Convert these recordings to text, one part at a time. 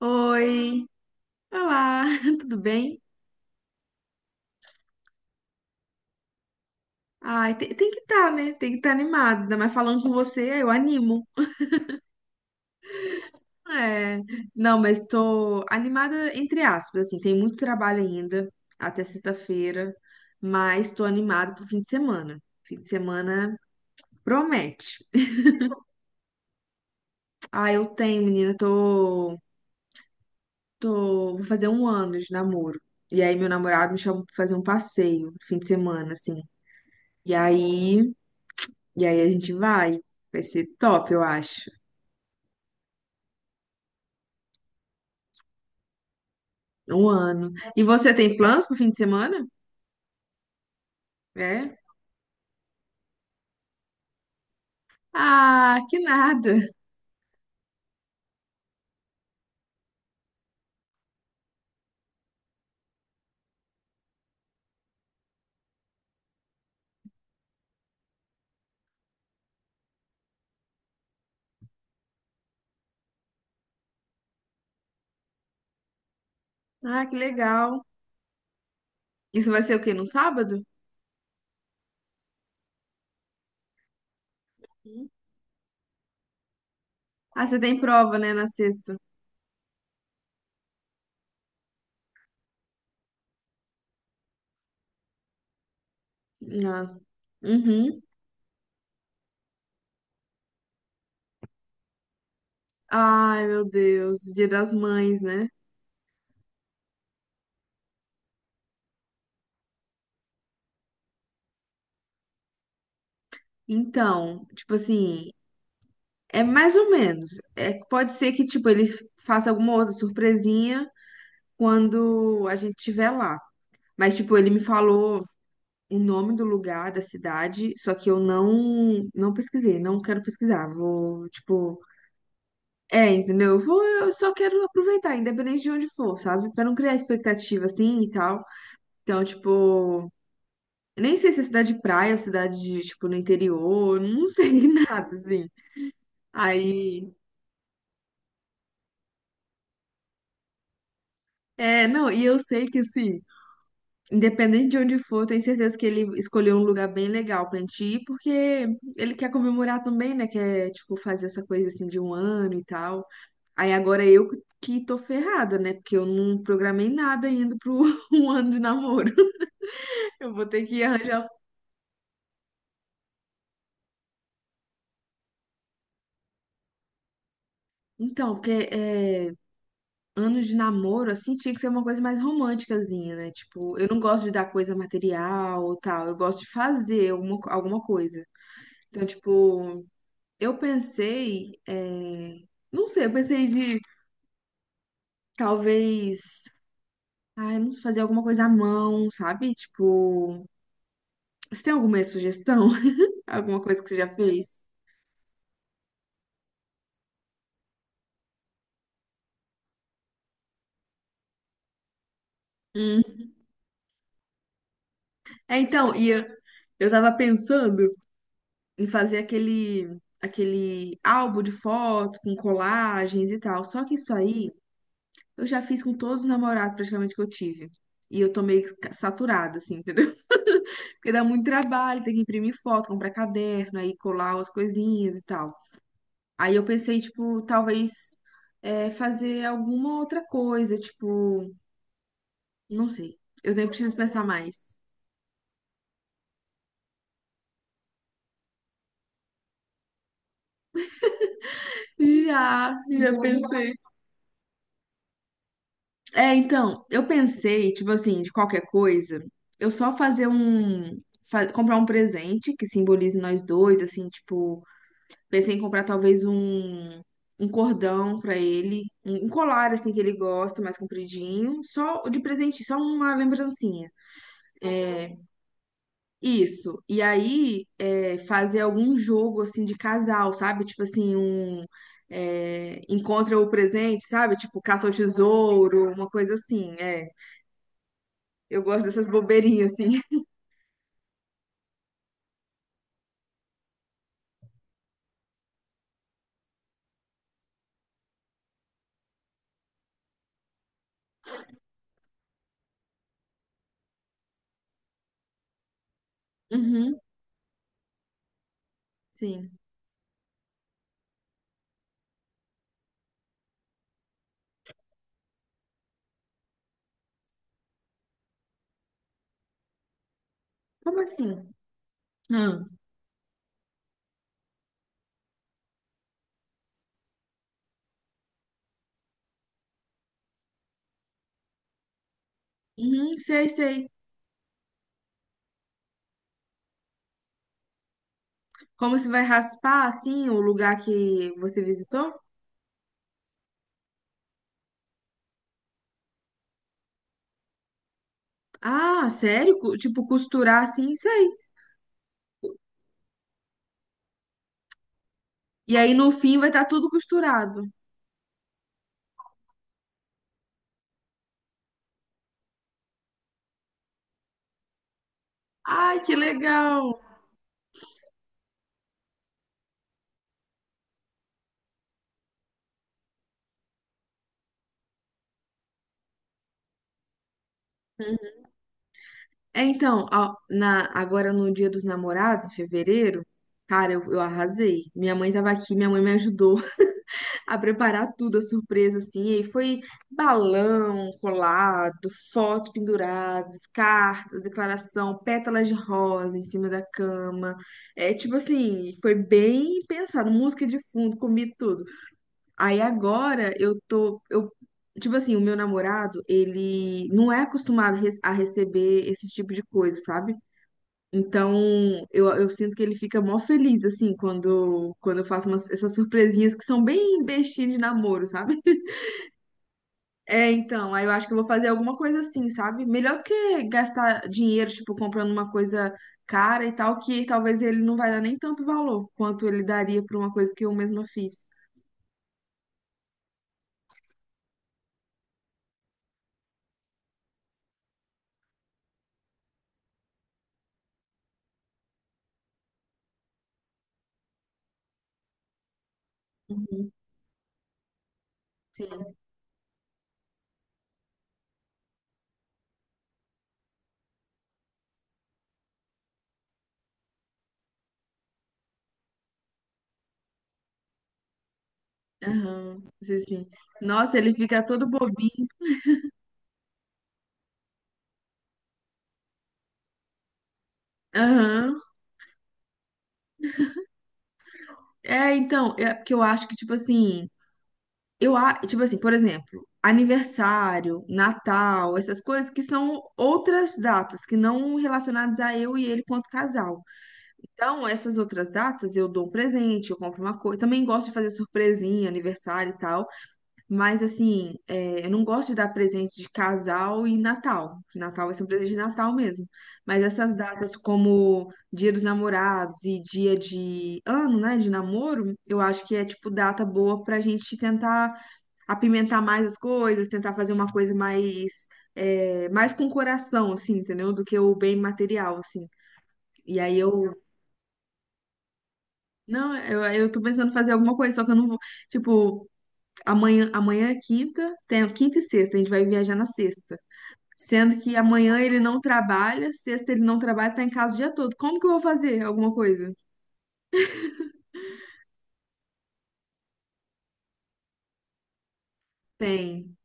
Oi, olá, tudo bem? Ai, tem que estar, né? Tem que estar animada, ainda mais falando com você, eu animo. É, não, mas estou animada entre aspas, assim, tem muito trabalho ainda até sexta-feira, mas estou animada pro fim de semana. Fim de semana promete. Ah, eu tenho, menina, vou fazer um ano de namoro. E aí meu namorado me chamou pra fazer um passeio no fim de semana, assim. E aí E aí a gente vai. Vai ser top, eu acho. Um ano. E você tem planos pro fim de semana? É? Ah, que nada. Ah, que legal. Isso vai ser o quê? No sábado? Uhum. Ah, você tem prova, né? Na sexta. Ah. Uhum. Ai, meu Deus. Dia das Mães, né? Então, tipo assim, é mais ou menos. É, pode ser que, tipo, ele faça alguma outra surpresinha quando a gente estiver lá. Mas, tipo, ele me falou o nome do lugar, da cidade, só que eu não pesquisei, não quero pesquisar. Vou, tipo, é, entendeu? Eu vou, eu só quero aproveitar, independente de onde for, sabe? Pra não criar expectativa assim e tal. Então, tipo, eu nem sei se é cidade de praia ou cidade de, tipo, no interior, não sei nada assim. Aí, é, não, e eu sei que assim, independente de onde for, tenho certeza que ele escolheu um lugar bem legal pra gente ir, porque ele quer comemorar também, né? Quer, tipo, fazer essa coisa assim de um ano e tal. Aí agora eu que tô ferrada, né? Porque eu não programei nada ainda pro um ano de namoro. Eu vou ter que arranjar. Então, porque é, anos de namoro, assim, tinha que ser uma coisa mais românticazinha, né? Tipo, eu não gosto de dar coisa material ou tal. Eu gosto de fazer alguma coisa. Então, tipo, eu pensei, é, não sei, eu pensei de talvez, ai, não sei, fazer alguma coisa à mão, sabe? Tipo, você tem alguma sugestão? Alguma coisa que você já fez? Hum. É, então, eu tava pensando em fazer aquele álbum de foto com colagens e tal. Só que isso aí eu já fiz com todos os namorados praticamente que eu tive. E eu tô meio saturada, assim, entendeu? Porque dá muito trabalho, tem que imprimir foto, comprar caderno, aí colar as coisinhas e tal. Aí eu pensei, tipo, talvez é, fazer alguma outra coisa, tipo, não sei. Eu nem preciso pensar mais. Já Boa. Pensei. É, então, eu pensei, tipo assim, de qualquer coisa, eu só fazer um, comprar um presente que simbolize nós dois, assim, tipo pensei em comprar um cordão pra ele, um colar assim que ele gosta, mais compridinho, só de presente, só uma lembrancinha. Isso. E aí é, fazer algum jogo assim de casal, sabe? Tipo assim, um é, encontra o presente, sabe? Tipo caça ao tesouro, uma coisa assim. É, eu gosto dessas bobeirinhas assim. Uhum, sim. Como assim? Ah, uhum, sei, sei. Como se vai raspar assim o lugar que você visitou? Ah, sério? Tipo, costurar assim, sei. E aí no fim vai estar tudo costurado. Ai, que legal! É, então, ó, na, agora no Dia dos Namorados, em fevereiro, cara, eu arrasei. Minha mãe tava aqui, minha mãe me ajudou a preparar tudo, a surpresa, assim. E aí foi balão colado, fotos penduradas, cartas, declaração, pétalas de rosa em cima da cama. É, tipo assim, foi bem pensado. Música de fundo, comi tudo. Aí agora eu tô, eu, tipo assim, o meu namorado, ele não é acostumado a receber esse tipo de coisa, sabe? Então, eu sinto que ele fica mó feliz, assim, quando eu faço umas, essas surpresinhas que são bem bestinhas de namoro, sabe? É, então, aí eu acho que eu vou fazer alguma coisa assim, sabe? Melhor do que gastar dinheiro, tipo, comprando uma coisa cara e tal, que talvez ele não vai dar nem tanto valor quanto ele daria pra uma coisa que eu mesma fiz. Uhum, sim, aham, sim. Nossa, ele fica todo bobinho. Aham. É, então, é porque eu acho que, tipo assim, eu acho, tipo assim, por exemplo, aniversário, Natal, essas coisas que são outras datas, que não relacionadas a eu e ele quanto casal. Então, essas outras datas eu dou um presente, eu compro uma coisa. Também gosto de fazer surpresinha, aniversário e tal. Mas, assim, é, eu não gosto de dar presente de casal e Natal. Natal vai ser um presente de Natal mesmo. Mas essas datas, como Dia dos Namorados e dia de ano, né, de namoro, eu acho que é, tipo, data boa pra gente tentar apimentar mais as coisas, tentar fazer uma coisa mais, é, mais com coração, assim, entendeu? Do que o bem material, assim. E aí eu Não, eu tô pensando em fazer alguma coisa, só que eu não vou. Tipo, amanhã é quinta, tem quinta e sexta, a gente vai viajar na sexta. Sendo que amanhã ele não trabalha, sexta ele não trabalha, tá em casa o dia todo. Como que eu vou fazer alguma coisa? Tem,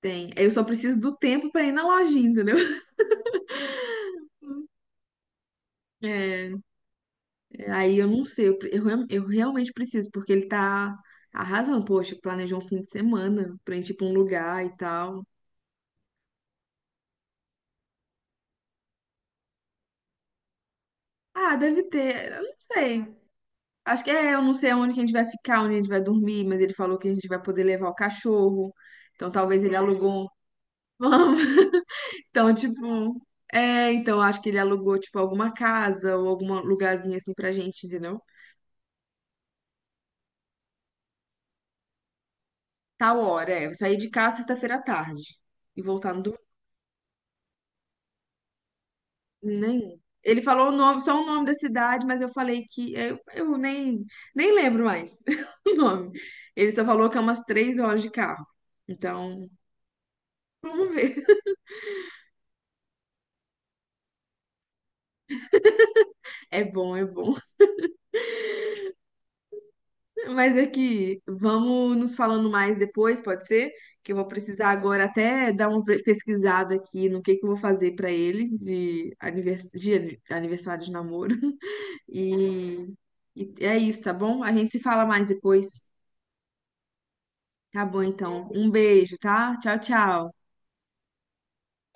tem. Eu só preciso do tempo pra ir na lojinha, entendeu? É, aí eu não sei, eu realmente preciso, porque ele tá arrasando, poxa, planejou um fim de semana pra gente ir pra um lugar e tal. Ah, deve ter, eu não sei. Acho que é, eu não sei onde que a gente vai ficar, onde a gente vai dormir, mas ele falou que a gente vai poder levar o cachorro. Então talvez ele alugou um- vamos. Então, tipo, é, então acho que ele alugou tipo alguma casa ou algum lugarzinho assim pra gente, entendeu? Tal hora, é, eu sair de casa sexta-feira à tarde e voltar no domingo, nem. Ele falou o nome, só o nome da cidade, mas eu falei que eu nem nem lembro mais o nome. Ele só falou que é umas 3 horas de carro. Então, vamos ver. É bom, é bom. Mas é que vamos nos falando mais depois, pode ser? Que eu vou precisar agora até dar uma pesquisada aqui no que eu vou fazer pra ele de, anivers... de aniversário de namoro. E... e é isso, tá bom? A gente se fala mais depois. Tá bom, então. Um beijo, tá? Tchau, tchau.